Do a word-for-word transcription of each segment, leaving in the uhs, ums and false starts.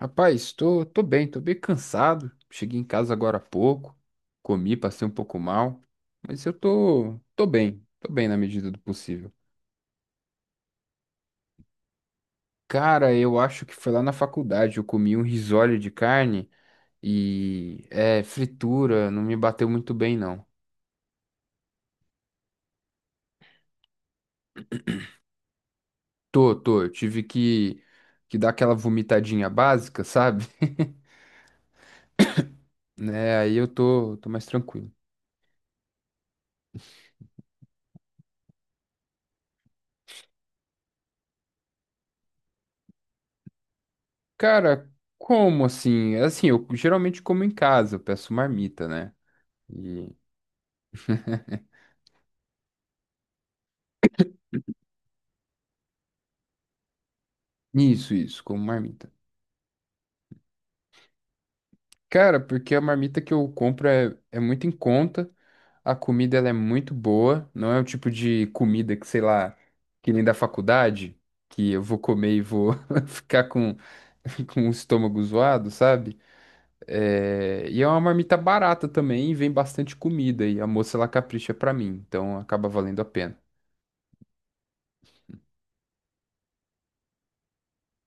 Rapaz, tô, tô bem, tô bem cansado. Cheguei em casa agora há pouco, comi, passei um pouco mal, mas eu tô, tô bem, tô bem na medida do possível. Cara, eu acho que foi lá na faculdade, eu comi um risole de carne e é fritura, não me bateu muito bem não. Tô, tô, eu tive que que dar aquela vomitadinha básica, sabe? Né? Aí eu tô, tô mais tranquilo. Cara, como assim? Assim, eu geralmente como em casa, eu peço marmita, né? Isso, isso, como marmita. Cara, porque a marmita que eu compro é, é muito em conta, a comida ela é muito boa, não é o tipo de comida que, sei lá, que nem da faculdade, que eu vou comer e vou ficar com, com o estômago zoado, sabe? É, e é uma marmita barata também, e vem bastante comida, e a moça ela capricha pra mim, então acaba valendo a pena.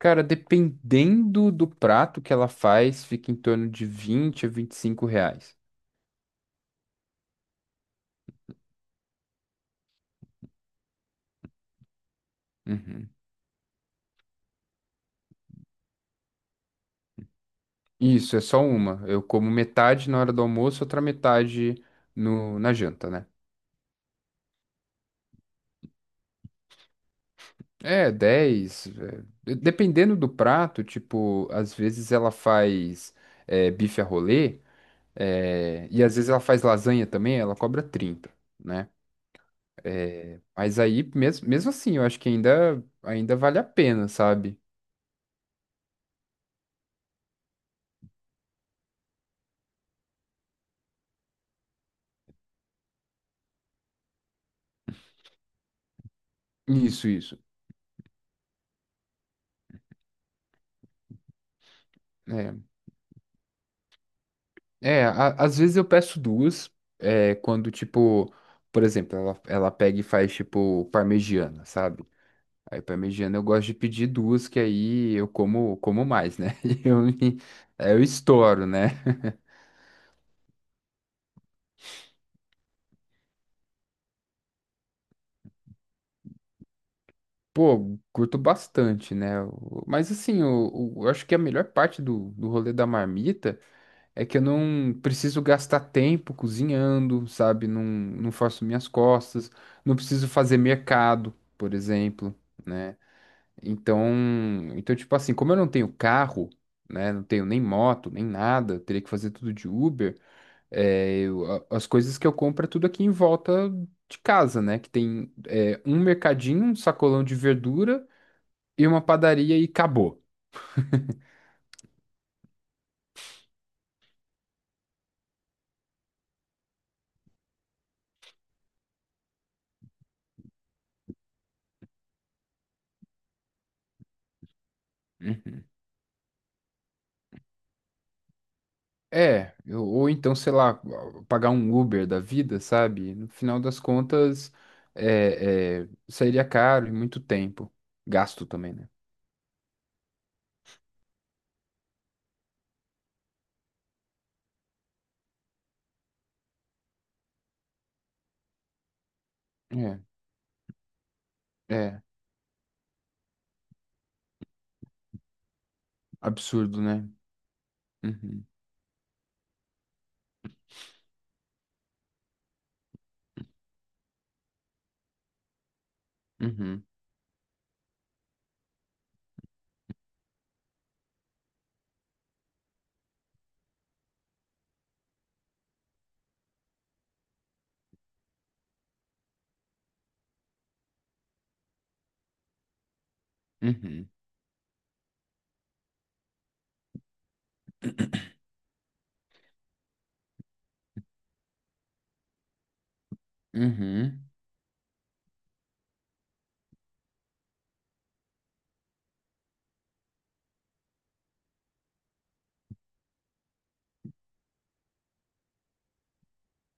Cara, dependendo do prato que ela faz, fica em torno de vinte a vinte e cinco reais. Uhum. Isso, é só uma. Eu como metade na hora do almoço, outra metade no, na janta, né? É, dez, é, de- dependendo do prato, tipo, às vezes ela faz é, bife a rolê, é, e às vezes ela faz lasanha também, ela cobra trinta, né? É, mas aí, mesmo, mesmo assim, eu acho que ainda, ainda vale a pena, sabe? Isso, isso. É. É, a- às vezes eu peço duas, é, quando, tipo, por exemplo, ela, ela pega e faz, tipo, parmegiana, sabe? Aí, parmegiana eu gosto de pedir duas, que aí eu como, como mais, né? E eu, me- aí eu estouro, né? Pô, curto bastante, né? O- Mas, assim, eu, eu acho que a melhor parte do, do rolê da marmita é que eu não preciso gastar tempo cozinhando, sabe? Não, não faço minhas costas, não preciso fazer mercado, por exemplo. Né? Então, então, tipo assim, como eu não tenho carro, né, não tenho nem moto, nem nada, eu teria que fazer tudo de Uber, é, eu- a- as coisas que eu compro é tudo aqui em volta de casa, né, que tem é, um mercadinho, um sacolão de verdura e uma padaria e acabou. Uhum. É, eu- ou então, sei lá, pagar um Uber da vida, sabe? No final das contas, é, é, sairia caro e muito tempo. Gasto também, né? É, é, absurdo, né? Uhum. Uhum, uhum, uhum.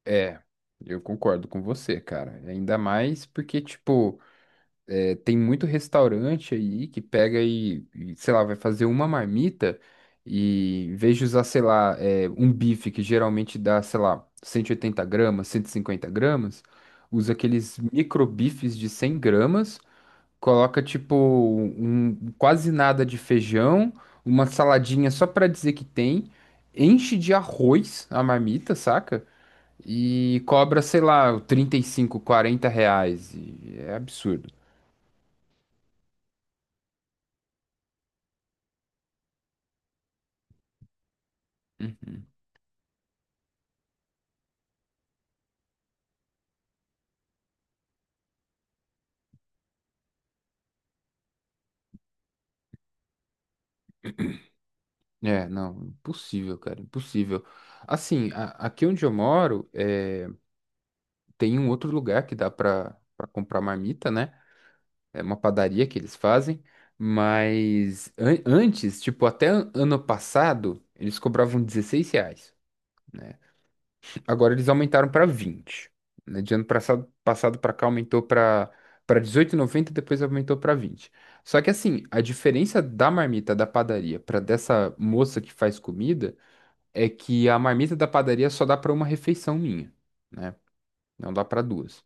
É, eu concordo com você, cara. Ainda mais porque, tipo, é, tem muito restaurante aí que pega e, e, sei lá, vai fazer uma marmita e em vez de usar, sei lá, é, um bife que geralmente dá, sei lá, cento e oitenta gramas, cento e cinquenta gramas, usa aqueles micro bifes de cem gramas. Coloca tipo um, quase nada de feijão, uma saladinha só pra dizer que tem, enche de arroz a marmita, saca? E cobra, sei lá, trinta e cinco, quarenta reais. E é absurdo. Hum. É, não, impossível, cara, impossível. Assim, a- aqui onde eu moro, é, tem um outro lugar que dá pra, pra comprar marmita, né? É uma padaria que eles fazem, mas an- antes, tipo, até an- ano passado, eles cobravam dezesseis reais, né? Agora eles aumentaram para vinte. Né? De ano passado, passado para cá aumentou para para dezoito e noventa, depois aumentou para vinte. Só que assim, a diferença da marmita da padaria para dessa moça que faz comida é que a marmita da padaria só dá para uma refeição minha, né? Não dá para duas.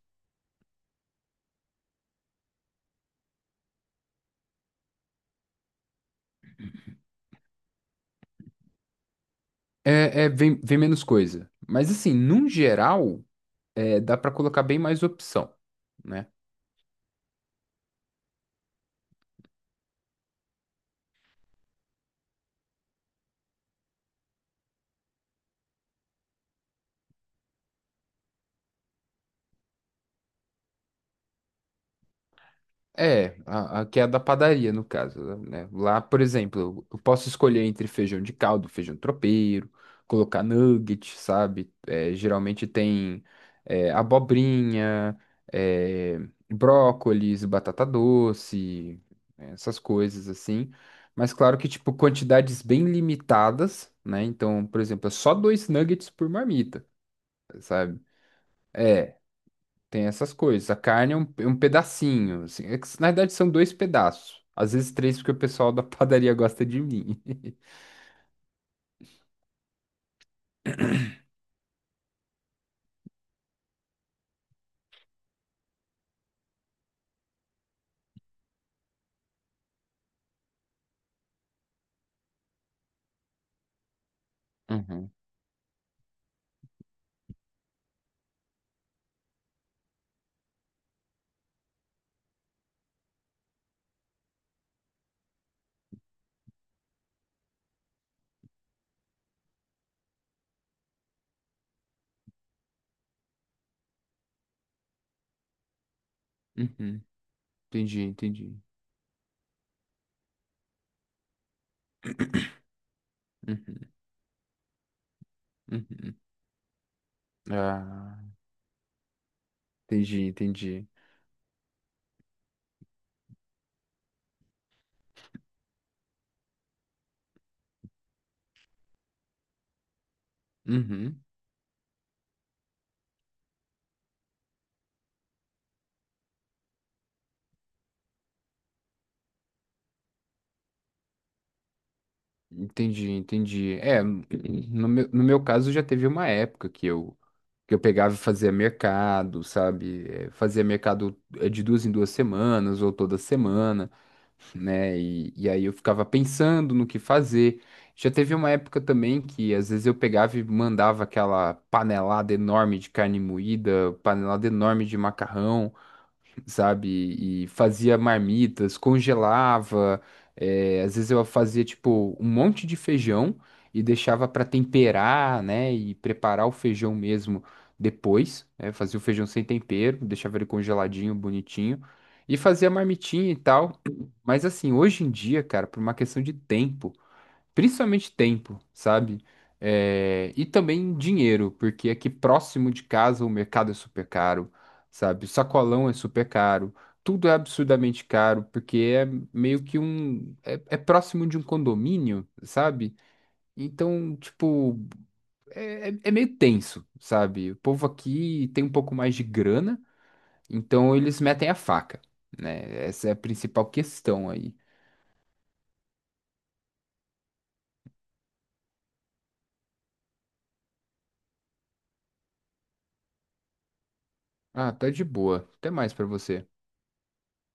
É, é, vem, vem menos coisa. Mas assim, num geral, é, dá para colocar bem mais opção, né? É, a, a que é a da padaria, no caso, né? Lá, por exemplo, eu posso escolher entre feijão de caldo, feijão tropeiro, colocar nugget, sabe? É, geralmente tem é, abobrinha, é, brócolis, batata doce, né, essas coisas assim. Mas claro que, tipo, quantidades bem limitadas, né? Então, por exemplo, é só dois nuggets por marmita, sabe? É, tem essas coisas. A carne é um, é um pedacinho, assim. É que, na verdade, são dois pedaços. Às vezes três, porque o pessoal da padaria gosta de mim. Uhum, uhum. Entendi, entendi. Uhum, uhum. Ah, entendi, entendi. Uhum. Entendi, entendi. É, no meu, no meu caso já teve uma época que eu que eu pegava e fazia mercado, sabe? Eh, fazia mercado, eh, de duas em duas semanas ou toda semana. Né? E, e aí eu ficava pensando no que fazer. Já teve uma época também que às vezes eu pegava e mandava aquela panelada enorme de carne moída, panelada enorme de macarrão, sabe? E fazia marmitas, congelava. É, às vezes eu fazia, tipo, um monte de feijão e deixava para temperar, né? E preparar o feijão mesmo depois. Né? Fazia o feijão sem tempero, deixava ele congeladinho, bonitinho. E fazia marmitinha e tal. Mas assim, hoje em dia, cara, por uma questão de tempo. Principalmente tempo, sabe? É, e também dinheiro, porque aqui próximo de casa o mercado é super caro, sabe? O sacolão é super caro, tudo é absurdamente caro, porque é meio que um. É, é próximo de um condomínio, sabe? Então, tipo, é, é é meio tenso, sabe? O povo aqui tem um pouco mais de grana, então eles metem a faca, né? Essa é a principal questão aí. Ah, tá de boa. Até mais pra você.